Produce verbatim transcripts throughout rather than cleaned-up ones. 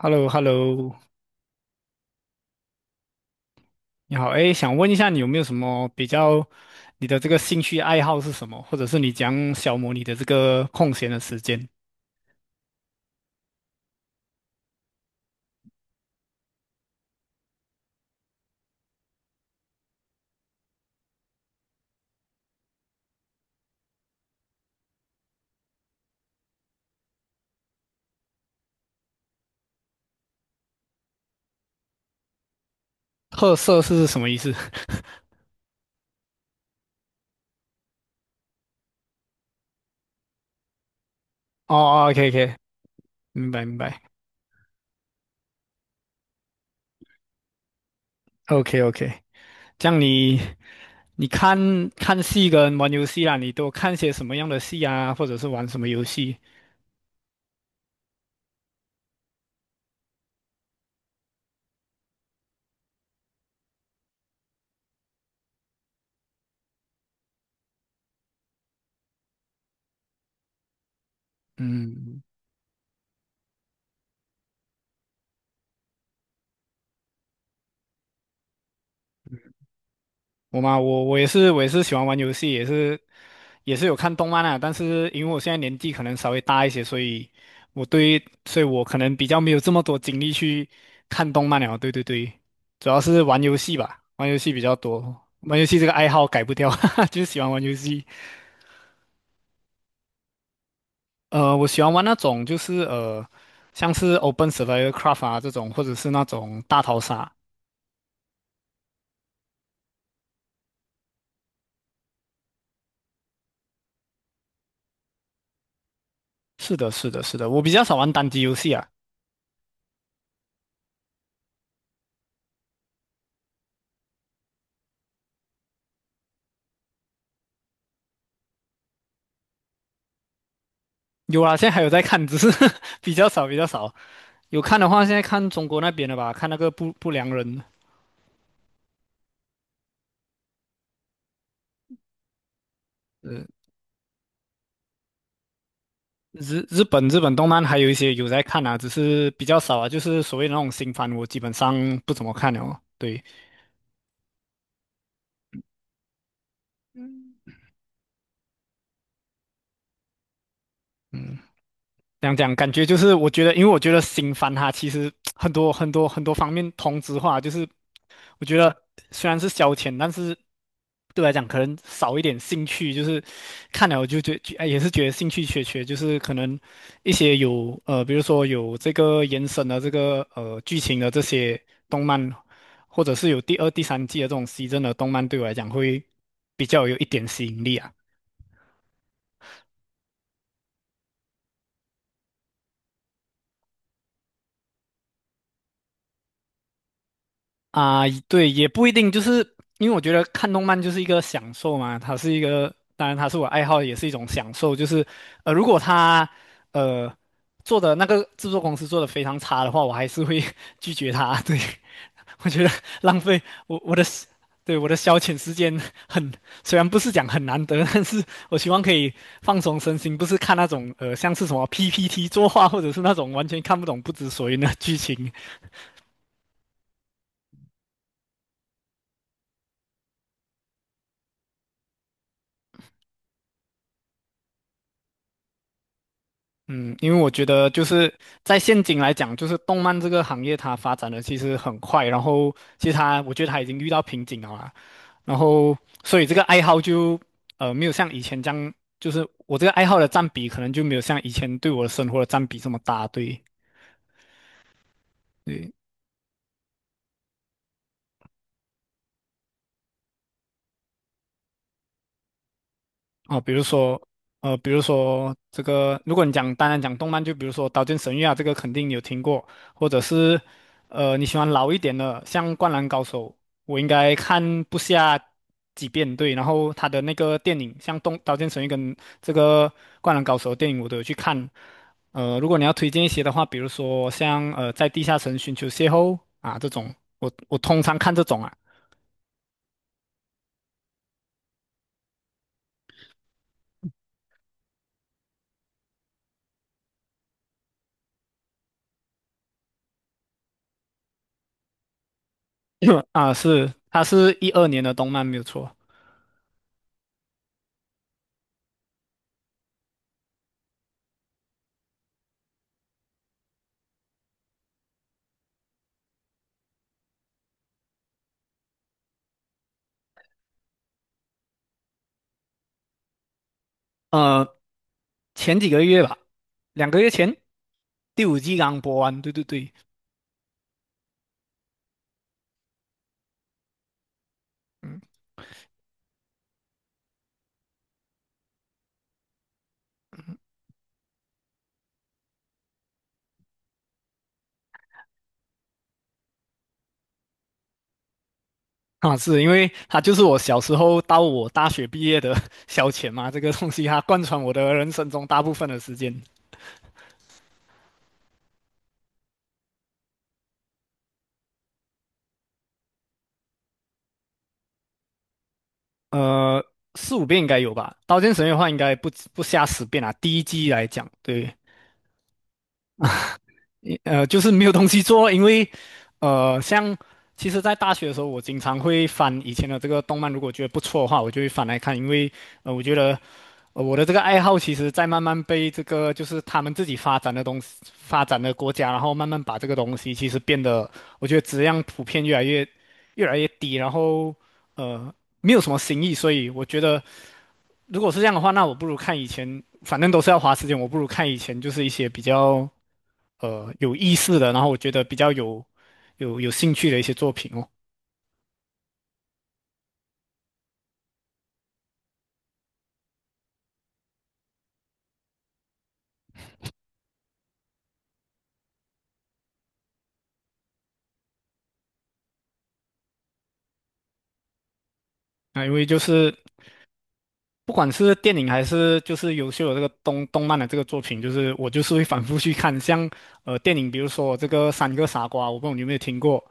h e l l o h e l l o 你好，哎，想问一下你有没有什么比较，你的这个兴趣爱好是什么，或者是你讲小消磨你的这个空闲的时间？特色是什么意思？哦哦，OK OK，明白明白，OK OK，这样你你看看戏跟玩游戏啦，你都看些什么样的戏啊，或者是玩什么游戏？嗯我嘛，我我也是，我也是喜欢玩游戏，也是也是有看动漫啊。但是因为我现在年纪可能稍微大一些，所以我对，所以我可能比较没有这么多精力去看动漫了。对对对，主要是玩游戏吧，玩游戏比较多。玩游戏这个爱好改不掉，哈哈就是喜欢玩游戏。呃，我喜欢玩那种就是呃，像是 Open Survival Craft 啊这种，或者是那种大逃杀。是的，是的，是的，我比较少玩单机游戏啊。有啊，现在还有在看，只是 比较少，比较少。有看的话，现在看中国那边的吧，看那个不不良人。呃，日日本日本动漫还有一些有在看啊，只是比较少啊，就是所谓的那种新番，我基本上不怎么看了哦。对，嗯。这样讲，感觉就是我觉得，因为我觉得新番它其实很多很多很多方面同质化，就是我觉得虽然是消遣，但是对我来讲可能少一点兴趣，就是看了我就觉觉哎也是觉得兴趣缺缺，就是可能一些有呃，比如说有这个延伸的这个呃剧情的这些动漫，或者是有第二、第三季的这种 S E 的动漫，对我来讲会比较有一点吸引力啊。啊，对，也不一定，就是因为我觉得看动漫就是一个享受嘛，它是一个，当然它是我爱好，也是一种享受。就是呃，如果它呃做的那个制作公司做的非常差的话，我还是会 拒绝它。对，我觉得 浪费我我的时对我的消遣时间很，虽然不是讲很难得，但是我希望可以放松身心，不是看那种呃像是什么 P P T 作画，或者是那种完全看不懂不知所云的剧情。嗯，因为我觉得就是在现今来讲，就是动漫这个行业它发展的其实很快，然后其实它我觉得它已经遇到瓶颈了啦，然后所以这个爱好就呃没有像以前这样，就是我这个爱好的占比可能就没有像以前对我的生活的占比这么大，对。哦，比如说，呃，比如说这个，如果你讲单单讲动漫，就比如说《刀剑神域》啊，这个肯定有听过，或者是，呃，你喜欢老一点的，像《灌篮高手》，我应该看不下几遍，对。然后他的那个电影，像动《刀剑神域》跟这个《灌篮高手》的电影，我都有去看。呃，如果你要推荐一些的话，比如说像呃，在地下城寻求邂逅啊这种，我我通常看这种啊 啊是，它是一二年的动漫没有错。呃，前几个月吧，两个月前第五季刚播完。对对对，啊，是因为它就是我小时候到我大学毕业的 消遣嘛，这个东西它贯穿我的人生中大部分的时间，呃，四五遍应该有吧，《刀剑神域》的话应该不不下十遍啊。第一季来讲，对，呃，就是没有东西做，因为呃，像其实，在大学的时候，我经常会翻以前的这个动漫，如果觉得不错的话，我就会翻来看，因为呃，我觉得。呃我的这个爱好其实在慢慢被这个就是他们自己发展的东西、发展的国家，然后慢慢把这个东西其实变得，我觉得质量普遍越来越越来越低，然后呃没有什么新意，所以我觉得如果是这样的话，那我不如看以前，反正都是要花时间，我不如看以前就是一些比较呃有意思的，然后我觉得比较有有有兴趣的一些作品哦。啊，因为就是不管是电影还是就是优秀的这个动动漫的这个作品，就是我就是会反复去看。像呃电影，比如说这个《三个傻瓜》，我不知道你有没有听过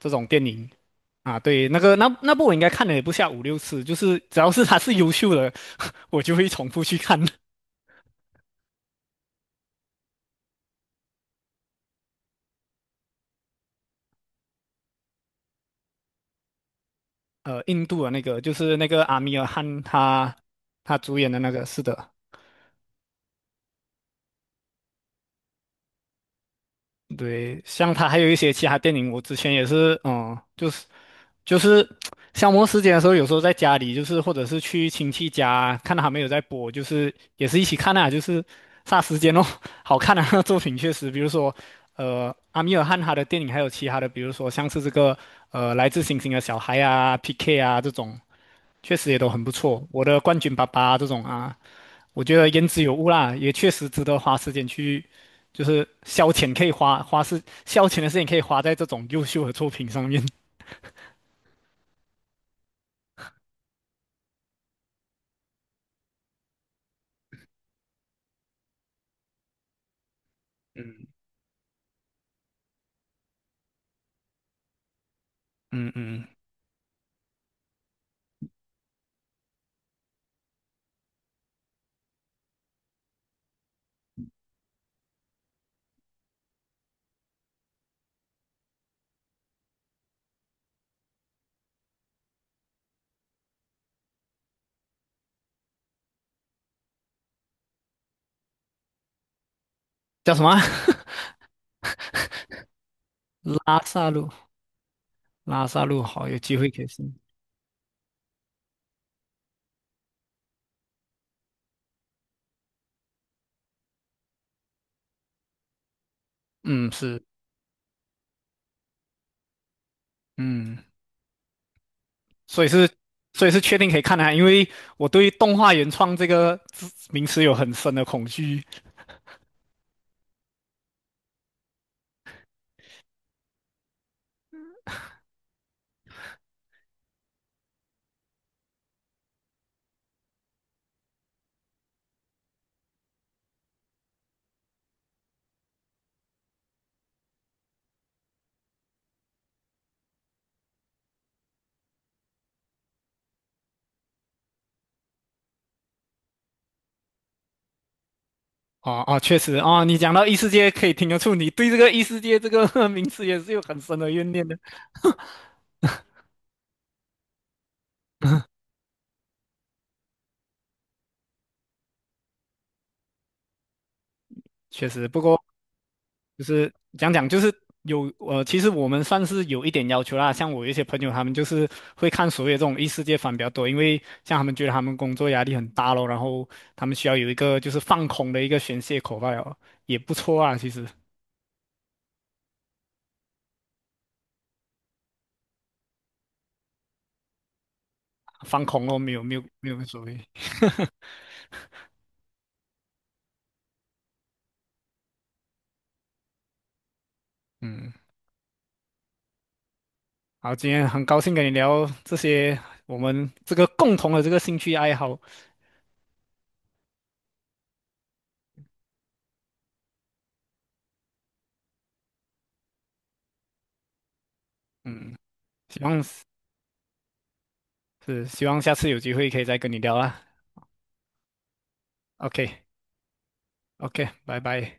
这种电影啊？对，那个那那部我应该看了也不下五六次，就是只要是它是优秀的，我就会重复去看。呃，印度的那个就是那个阿米尔汗他他主演的那个，是的。对，像他还有一些其他电影，我之前也是，嗯，就是就是消磨时间的时候，有时候在家里，就是或者是去亲戚家，看到他们有在播，就是也是一起看啊，就是杀时间哦，好看啊，那作品确实，比如说呃，阿米尔汗他的电影，还有其他的，比如说像是这个呃，来自星星的小孩啊，P K 啊这种，确实也都很不错。我的冠军爸爸这种啊。我觉得言之有物啦，也确实值得花时间去，就是消遣，可以花花是消遣的时间可以花在这种优秀的作品上面。嗯，嗯嗯，叫什么啊 拉萨路，拉萨路好，有机会可以试。嗯，是，嗯，所以是，所以是确定可以看的啊，因为我对动画原创这个字名词有很深的恐惧。啊啊，确实啊，你讲到异世界，可以听得出你对这个异世界这个 名词也是有很深的怨念的。确实，不过就是讲讲，就是有呃，其实我们算是有一点要求啦。像我有一些朋友，他们就是会看所谓的这种异世界番比较多，因为像他们觉得他们工作压力很大咯，然后他们需要有一个就是放空的一个宣泄口吧，了，也不错啊。其实放空咯，没有没有没有所谓。嗯，好，今天很高兴跟你聊这些我们这个共同的这个兴趣爱好。嗯，希望是希望下次有机会可以再跟你聊啦。OK OK，拜拜。